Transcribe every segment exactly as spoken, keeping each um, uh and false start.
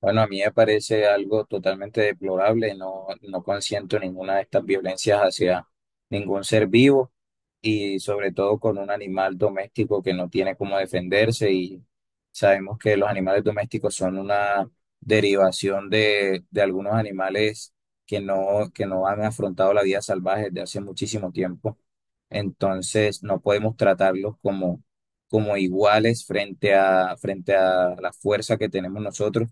Bueno, a mí me parece algo totalmente deplorable, no, no consiento ninguna de estas violencias hacia ningún ser vivo y sobre todo con un animal doméstico que no tiene cómo defenderse y sabemos que los animales domésticos son una derivación de, de algunos animales que no, que no han afrontado la vida salvaje desde hace muchísimo tiempo. Entonces no podemos tratarlos como, como iguales frente a, frente a la fuerza que tenemos nosotros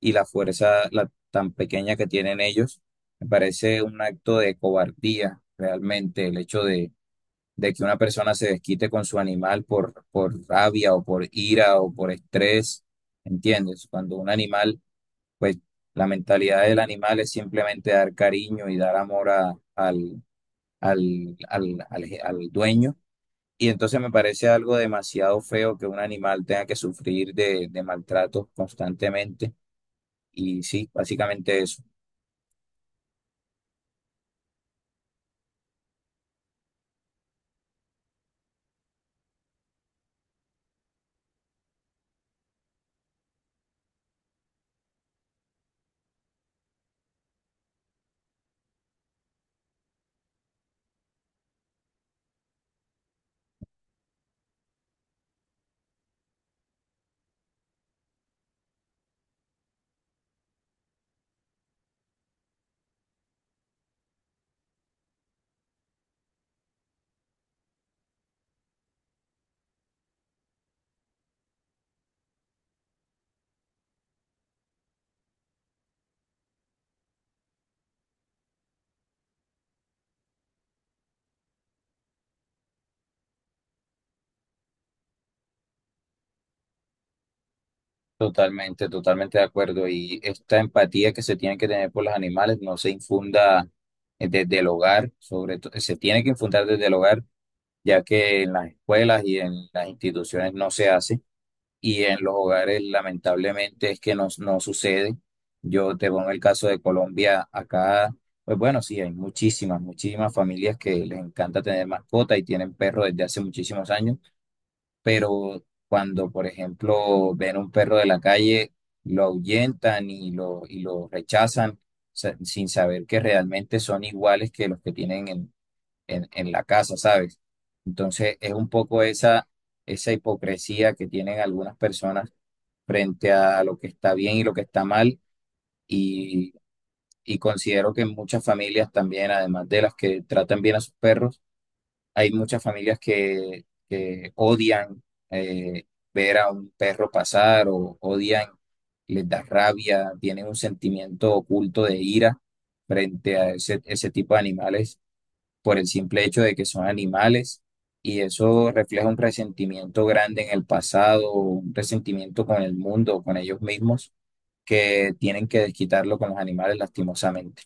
y la fuerza la- tan pequeña que tienen ellos. Me parece un acto de cobardía realmente el hecho de, de que una persona se desquite con su animal por, por rabia o por ira o por estrés, ¿entiendes? Cuando un animal, pues la mentalidad del animal es simplemente dar cariño y dar amor a- al, al, al, al al dueño. Y entonces me parece algo demasiado feo que un animal tenga que sufrir de, de maltrato constantemente. Y sí, básicamente eso. Totalmente, totalmente de acuerdo. Y esta empatía que se tiene que tener por los animales no se infunda eh, desde el hogar, sobre todo, se tiene que infundar desde el hogar, ya que en las escuelas y en las instituciones no se hace, y en los hogares lamentablemente es que no, no sucede. Yo te pongo el caso de Colombia, acá, pues bueno, sí, hay muchísimas, muchísimas familias que les encanta tener mascota y tienen perro desde hace muchísimos años pero cuando, por ejemplo, ven un perro de la calle, lo ahuyentan y lo, y lo rechazan sa- sin saber que realmente son iguales que los que tienen en, en, en la casa, ¿sabes? Entonces es un poco esa, esa hipocresía que tienen algunas personas frente a lo que está bien y lo que está mal y, y considero que en muchas familias también, además de las que tratan bien a sus perros, hay muchas familias que, que odian eh, ver a un perro pasar o odian, les da rabia, tienen un sentimiento oculto de ira frente a ese, ese tipo de animales por el simple hecho de que son animales y eso refleja un resentimiento grande en el pasado, un resentimiento con el mundo, con ellos mismos, que tienen que desquitarlo con los animales lastimosamente.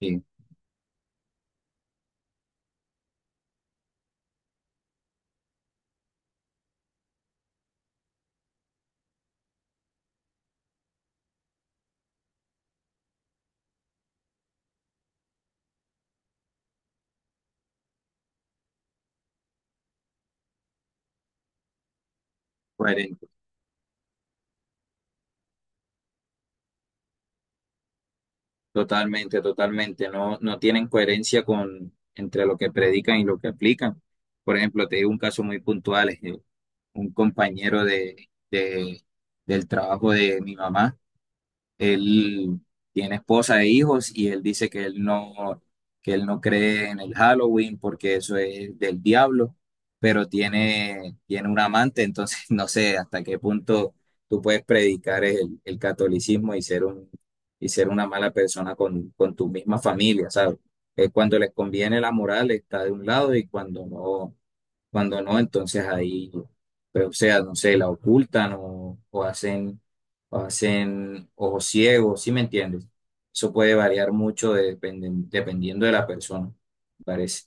Sí. Bueno, totalmente, totalmente. No, no tienen coherencia con entre lo que predican y lo que aplican. Por ejemplo, te digo un caso muy puntual, es que un compañero de, de- del trabajo de mi mamá. Él tiene esposa e hijos y él dice que él no, que él no cree en el Halloween porque eso es del diablo, pero tiene, tiene un amante, entonces no sé hasta qué punto tú puedes predicar el, el catolicismo y ser un, y ser una mala persona con, con tu misma familia, ¿sabes? Es cuando les conviene la moral está de un lado y cuando no, cuando no, entonces ahí, pues, o sea, no sé, la ocultan o, o hacen, o hacen ojos ciegos, ¿sí me entiendes? Eso puede variar mucho de- dependen- dependiendo de la persona, me parece.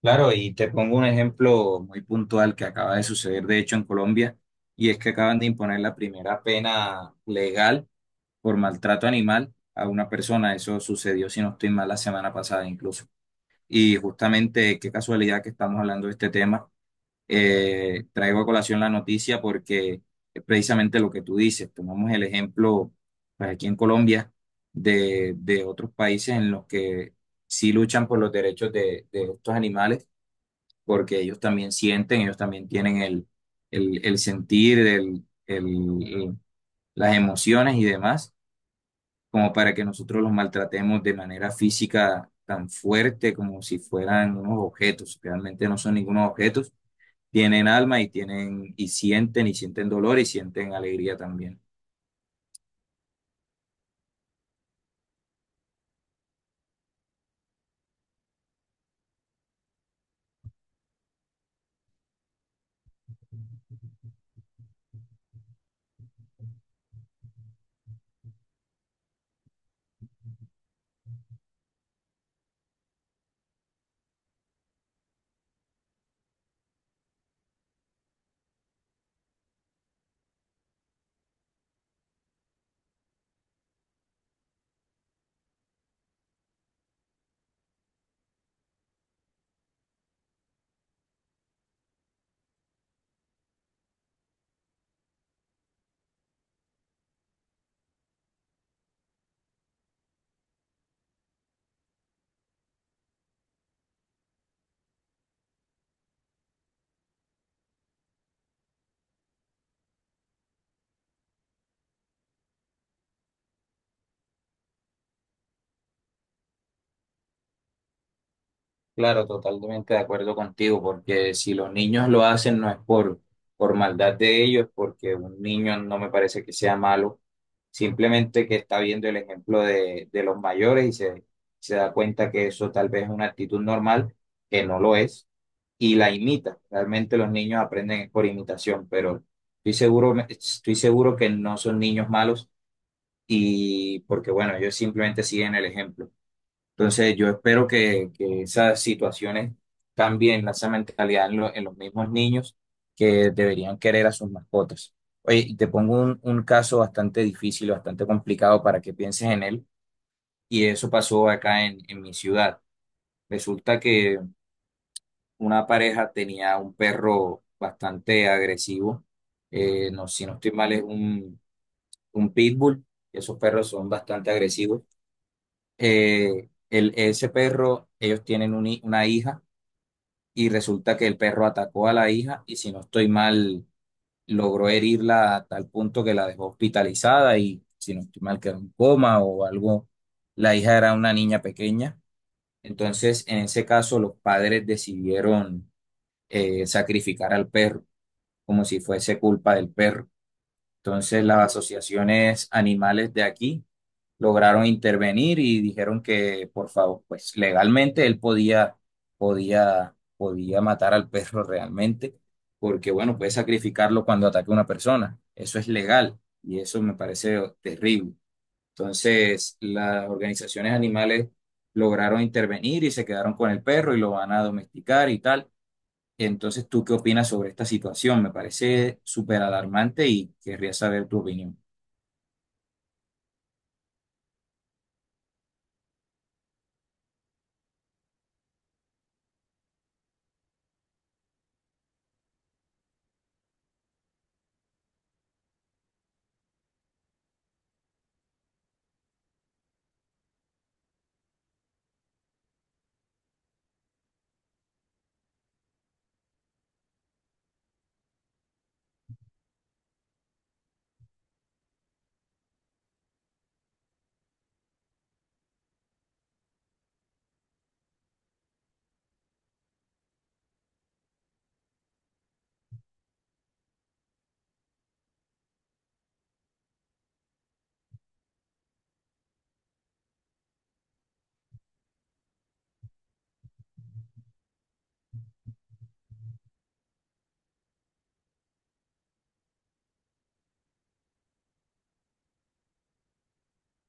Claro, y te pongo un ejemplo muy puntual que acaba de suceder, de hecho, en Colombia, y es que acaban de imponer la primera pena legal por maltrato animal a una persona. Eso sucedió, si no estoy mal, la semana pasada incluso. Y justamente, qué casualidad que estamos hablando de este tema eh, traigo a colación la noticia porque es precisamente lo que tú dices. Tomamos el ejemplo pues, aquí en Colombia de, de otros países en los que sí luchan por los derechos de, de estos animales, porque ellos también sienten, ellos también tienen el, el, el sentir, el, el- las emociones y demás, como para que nosotros los maltratemos de manera física tan fuerte como si fueran unos objetos. Realmente no son ningunos objetos tienen alma y tienen, y sienten, y sienten dolor y sienten alegría también. Claro, totalmente de acuerdo contigo, porque si los niños lo hacen no es por, por maldad de ellos, porque un niño no me parece que sea malo, simplemente que está viendo el ejemplo de, de los mayores y se, se da cuenta que eso tal vez es una actitud normal, que no lo es, y la imita. Realmente los niños aprenden por imitación, pero estoy seguro, estoy seguro que no son niños malos, y porque bueno, ellos simplemente siguen el ejemplo. Entonces yo espero que, que esas situaciones cambien esa mentalidad en, lo- en los mismos niños que deberían querer a sus mascotas. Oye, y te pongo un, un caso bastante difícil, bastante complicado para que pienses en él y eso pasó acá en, en mi ciudad. Resulta que una pareja tenía un perro bastante agresivo, eh, no, si no estoy mal es un, un pitbull, esos perros son bastante agresivos eh, el, ese perro, ellos tienen un hi- una hija y resulta que el perro atacó a la hija y si no estoy mal, logró herirla a tal punto que la dejó hospitalizada y si no estoy mal quedó en coma o algo. La hija era una niña pequeña. Entonces, en ese caso, los padres decidieron eh, sacrificar al perro como si fuese culpa del perro. Entonces, las asociaciones animales de aquí lograron intervenir y dijeron que, por favor, pues legalmente él podía, podía, podía matar al perro realmente, porque bueno, puede sacrificarlo cuando ataque a una persona. Eso es legal y eso me parece terrible. Entonces, las organizaciones animales lograron intervenir y se quedaron con el perro y lo van a domesticar y tal. Entonces, ¿tú qué opinas sobre esta situación? Me parece súper alarmante y querría saber tu opinión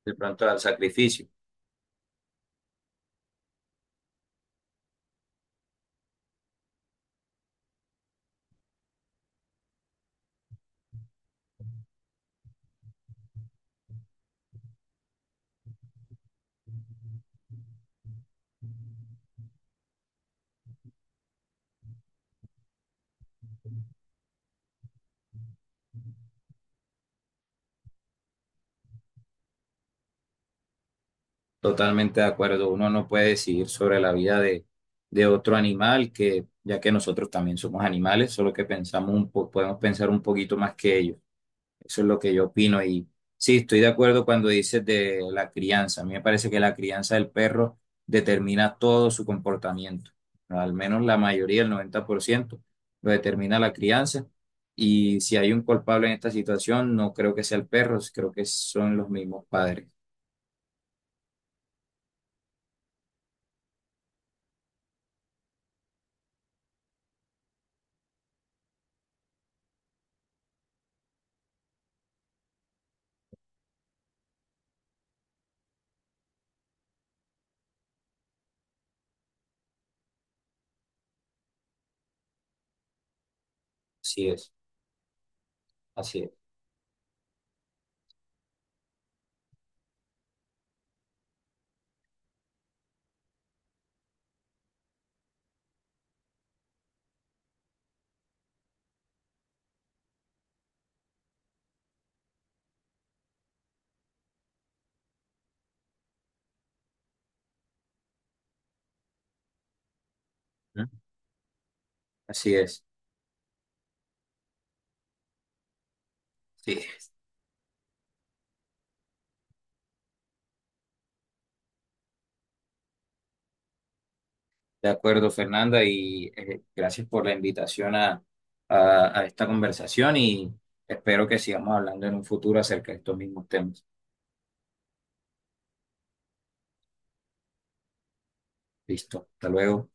de pronto al sacrificio. Totalmente de acuerdo. Uno no puede decidir sobre la vida de, de otro animal, que ya que nosotros también somos animales, solo que pensamos un po- podemos pensar un poquito más que ellos. Eso es lo que yo opino. Y sí, estoy de acuerdo cuando dices de la crianza. A mí me parece que la crianza del perro determina todo su comportamiento. Al menos la mayoría, el noventa por ciento lo determina la crianza. Y si hay un culpable en esta situación, no creo que sea el perro, creo que son los mismos padres. Así es, así es. Así es, sí, de acuerdo, Fernanda, y eh, gracias por la invitación a, a- a esta conversación y espero que sigamos hablando en un futuro acerca de estos mismos temas. Listo, hasta luego.